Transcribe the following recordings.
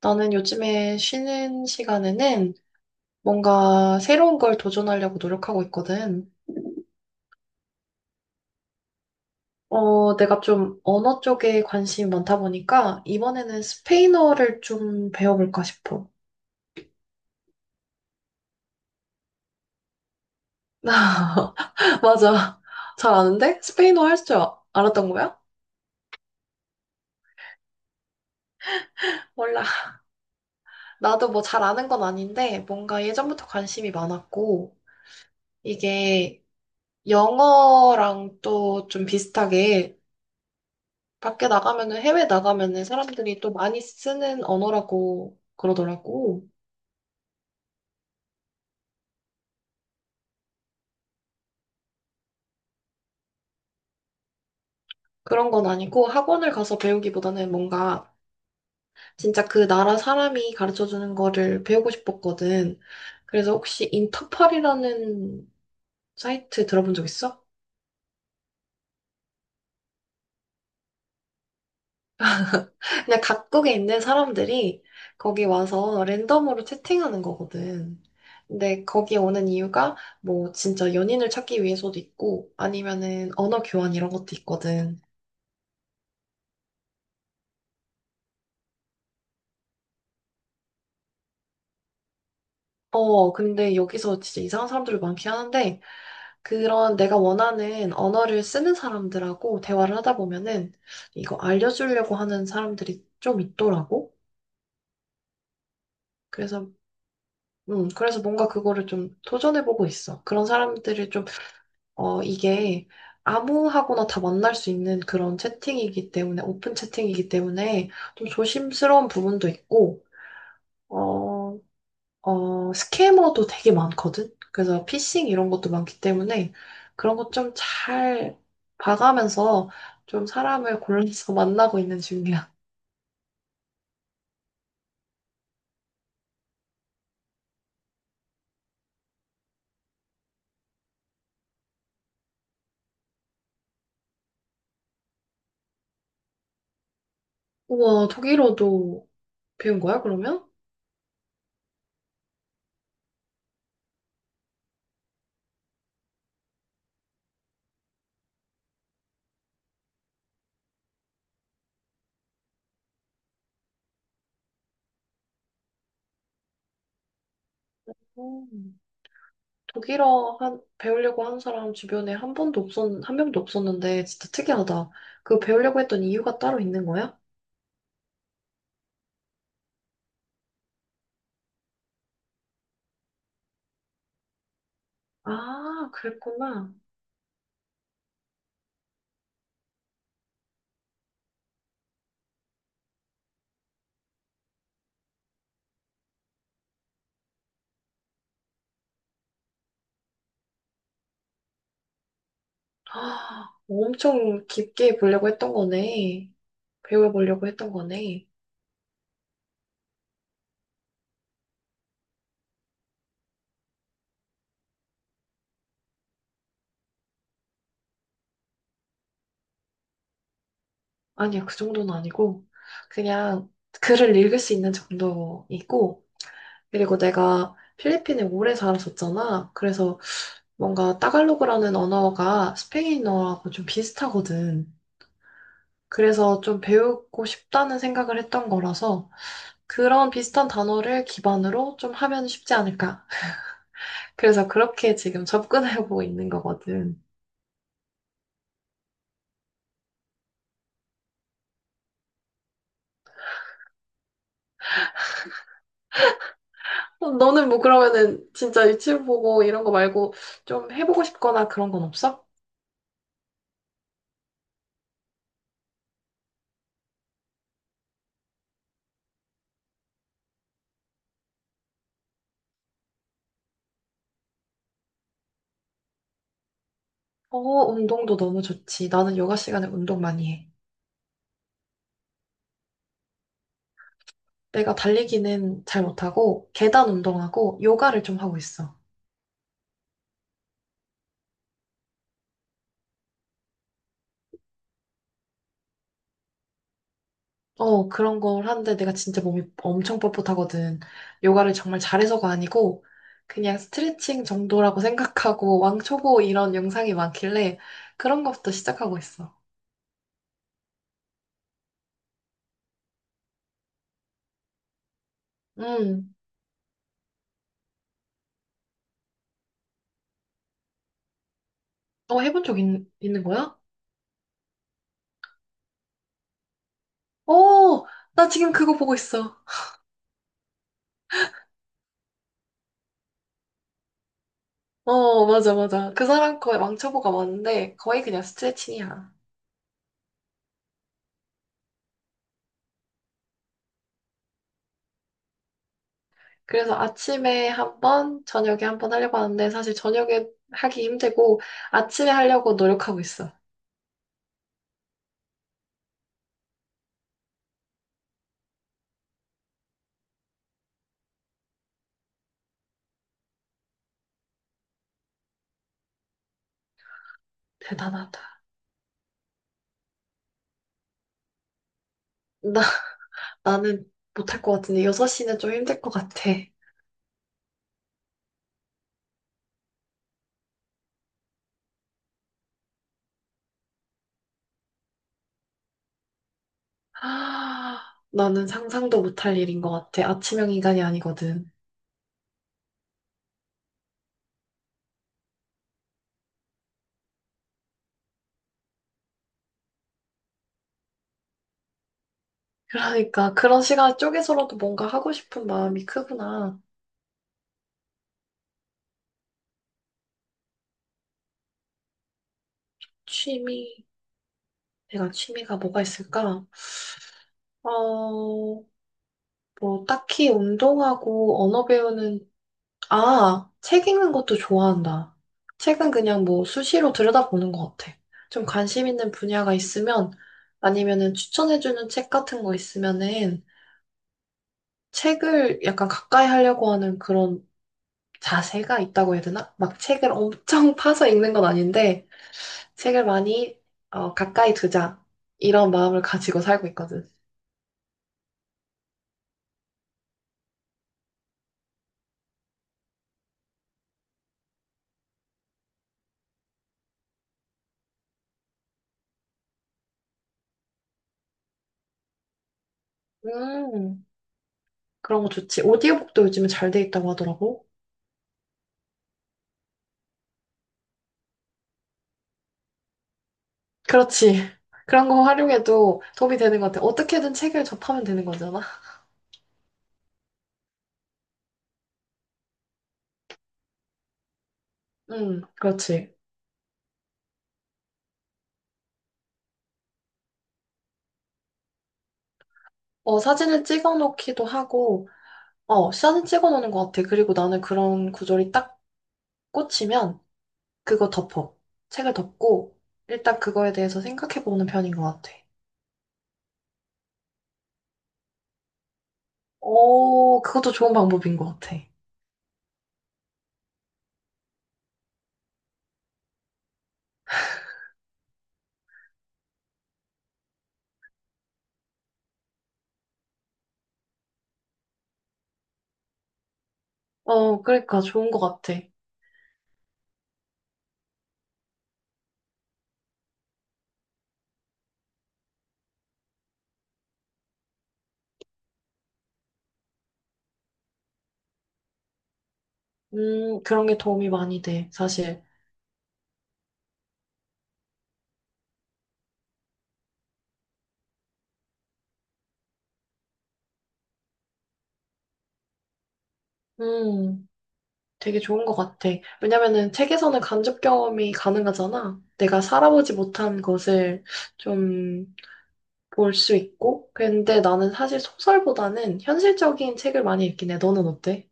나는 요즘에 쉬는 시간에는 뭔가 새로운 걸 도전하려고 노력하고 있거든. 내가 좀 언어 쪽에 관심이 많다 보니까 이번에는 스페인어를 좀 배워볼까 싶어. 맞아. 잘 아는데? 스페인어 할 줄 알았던 거야? 몰라. 나도 뭐 잘 아는 건 아닌데 뭔가 예전부터 관심이 많았고 이게 영어랑 또 좀 비슷하게 밖에 나가면은, 해외 나가면은 사람들이 또 많이 쓰는 언어라고 그러더라고. 그런 건 아니고 학원을 가서 배우기보다는 뭔가 진짜 그 나라 사람이 가르쳐주는 거를 배우고 싶었거든. 그래서 혹시 인터팔이라는 사이트 들어본 적 있어? 그냥 각국에 있는 사람들이 거기 와서 랜덤으로 채팅하는 거거든. 근데 거기 오는 이유가 뭐 진짜 연인을 찾기 위해서도 있고 아니면은 언어 교환 이런 것도 있거든. 근데 여기서 진짜 이상한 사람들이 많긴 하는데, 그런 내가 원하는 언어를 쓰는 사람들하고 대화를 하다 보면은, 이거 알려주려고 하는 사람들이 좀 있더라고. 그래서, 그래서 뭔가 그거를 좀 도전해보고 있어. 그런 사람들을 좀, 이게 아무하고나 다 만날 수 있는 그런 채팅이기 때문에, 오픈 채팅이기 때문에, 좀 조심스러운 부분도 있고, 어, 스캐머도 되게 많거든? 그래서 피싱 이런 것도 많기 때문에 그런 것 좀 잘 봐가면서 좀 사람을 골라서 만나고 있는 중이야. 우와, 독일어도 배운 거야, 그러면? 음, 독일어 배우려고 하는 사람 주변에 한 명도 없었는데 진짜 특이하다. 그 배우려고 했던 이유가 따로 있는 거야? 아, 그랬구나. 아, 엄청 깊게 보려고 했던 거네. 배워보려고 했던 거네. 아니요, 그 정도는 아니고, 그냥 글을 읽을 수 있는 정도이고, 그리고 내가 필리핀에 오래 살았었잖아. 그래서 뭔가 따갈로그라는 언어가 스페인어하고 좀 비슷하거든. 그래서 좀 배우고 싶다는 생각을 했던 거라서 그런 비슷한 단어를 기반으로 좀 하면 쉽지 않을까. 그래서 그렇게 지금 접근해보고 있는 거거든. 너는 뭐 그러면은 진짜 유튜브 보고 이런 거 말고 좀 해보고 싶거나 그런 건 없어? 어, 운동도 너무 좋지. 나는 요가 시간에 운동 많이 해. 내가 달리기는 잘 못하고, 계단 운동하고, 요가를 좀 하고 있어. 그런 걸 하는데 내가 진짜 몸이 엄청 뻣뻣하거든. 요가를 정말 잘해서가 아니고, 그냥 스트레칭 정도라고 생각하고, 왕초보 이런 영상이 많길래, 그런 것부터 시작하고 있어. 음, 어, 있는 거야? 어, 나 지금 그거 보고 있어. 어, 맞아, 맞아. 그 사람 거의 왕초보가 많은데, 거의 그냥 스트레칭이야. 그래서 아침에 한 번, 저녁에 한번 하려고 하는데 사실 저녁에 하기 힘들고 아침에 하려고 노력하고 있어. 대단하다. 나, 나는 못 할 것 같은데 6시는 좀 힘들 것 같아. 아, 나는 상상도 못 할 일인 것 같아. 아침형 인간이 아니거든. 그러니까 그런 시간 쪼개서라도 뭔가 하고 싶은 마음이 크구나. 취미, 내가 취미가 뭐가 있을까? 어, 뭐 딱히 운동하고 언어 배우는 아, 책 읽는 것도 좋아한다. 책은 그냥 뭐 수시로 들여다보는 것 같아. 좀 관심 있는 분야가 있으면 아니면은 추천해주는 책 같은 거 있으면은 책을 약간 가까이 하려고 하는 그런 자세가 있다고 해야 되나? 막 책을 엄청 파서 읽는 건 아닌데 책을 많이 어, 가까이 두자 이런 마음을 가지고 살고 있거든. 음, 그런 거 좋지. 오디오북도 요즘에 잘 돼 있다고 하더라고. 그렇지. 그런 거 활용해도 도움이 되는 것 같아. 어떻게든 책을 접하면 되는 거잖아. 응, 그렇지. 어, 사진을 찍어 놓기도 하고, 어, 사진 찍어 놓는 것 같아. 그리고 나는 그런 구절이 딱 꽂히면 그거 덮어. 책을 덮고, 일단 그거에 대해서 생각해 보는 편인 것 같아. 오, 그것도 좋은 방법인 것 같아. 어, 그러니까 좋은 것 같아. 그런 게 도움이 많이 돼, 사실. 음. 되게 좋은 것 같아. 왜냐면은 책에서는 간접 경험이 가능하잖아. 내가 살아보지 못한 것을 좀 볼 수 있고. 근데 나는 사실 소설보다는 현실적인 책을 많이 읽긴 해. 너는 어때?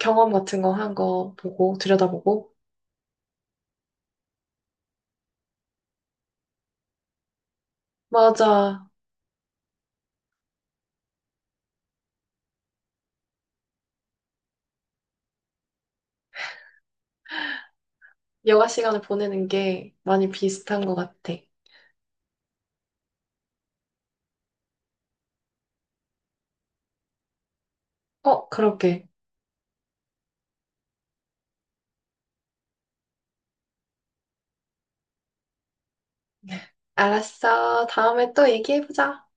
경험 같은 거 한 거 보고 들여다보고. 맞아. 여가 시간을 보내는 게 많이 비슷한 것 같아. 어, 그렇게. 알았어. 다음에 또 얘기해보자.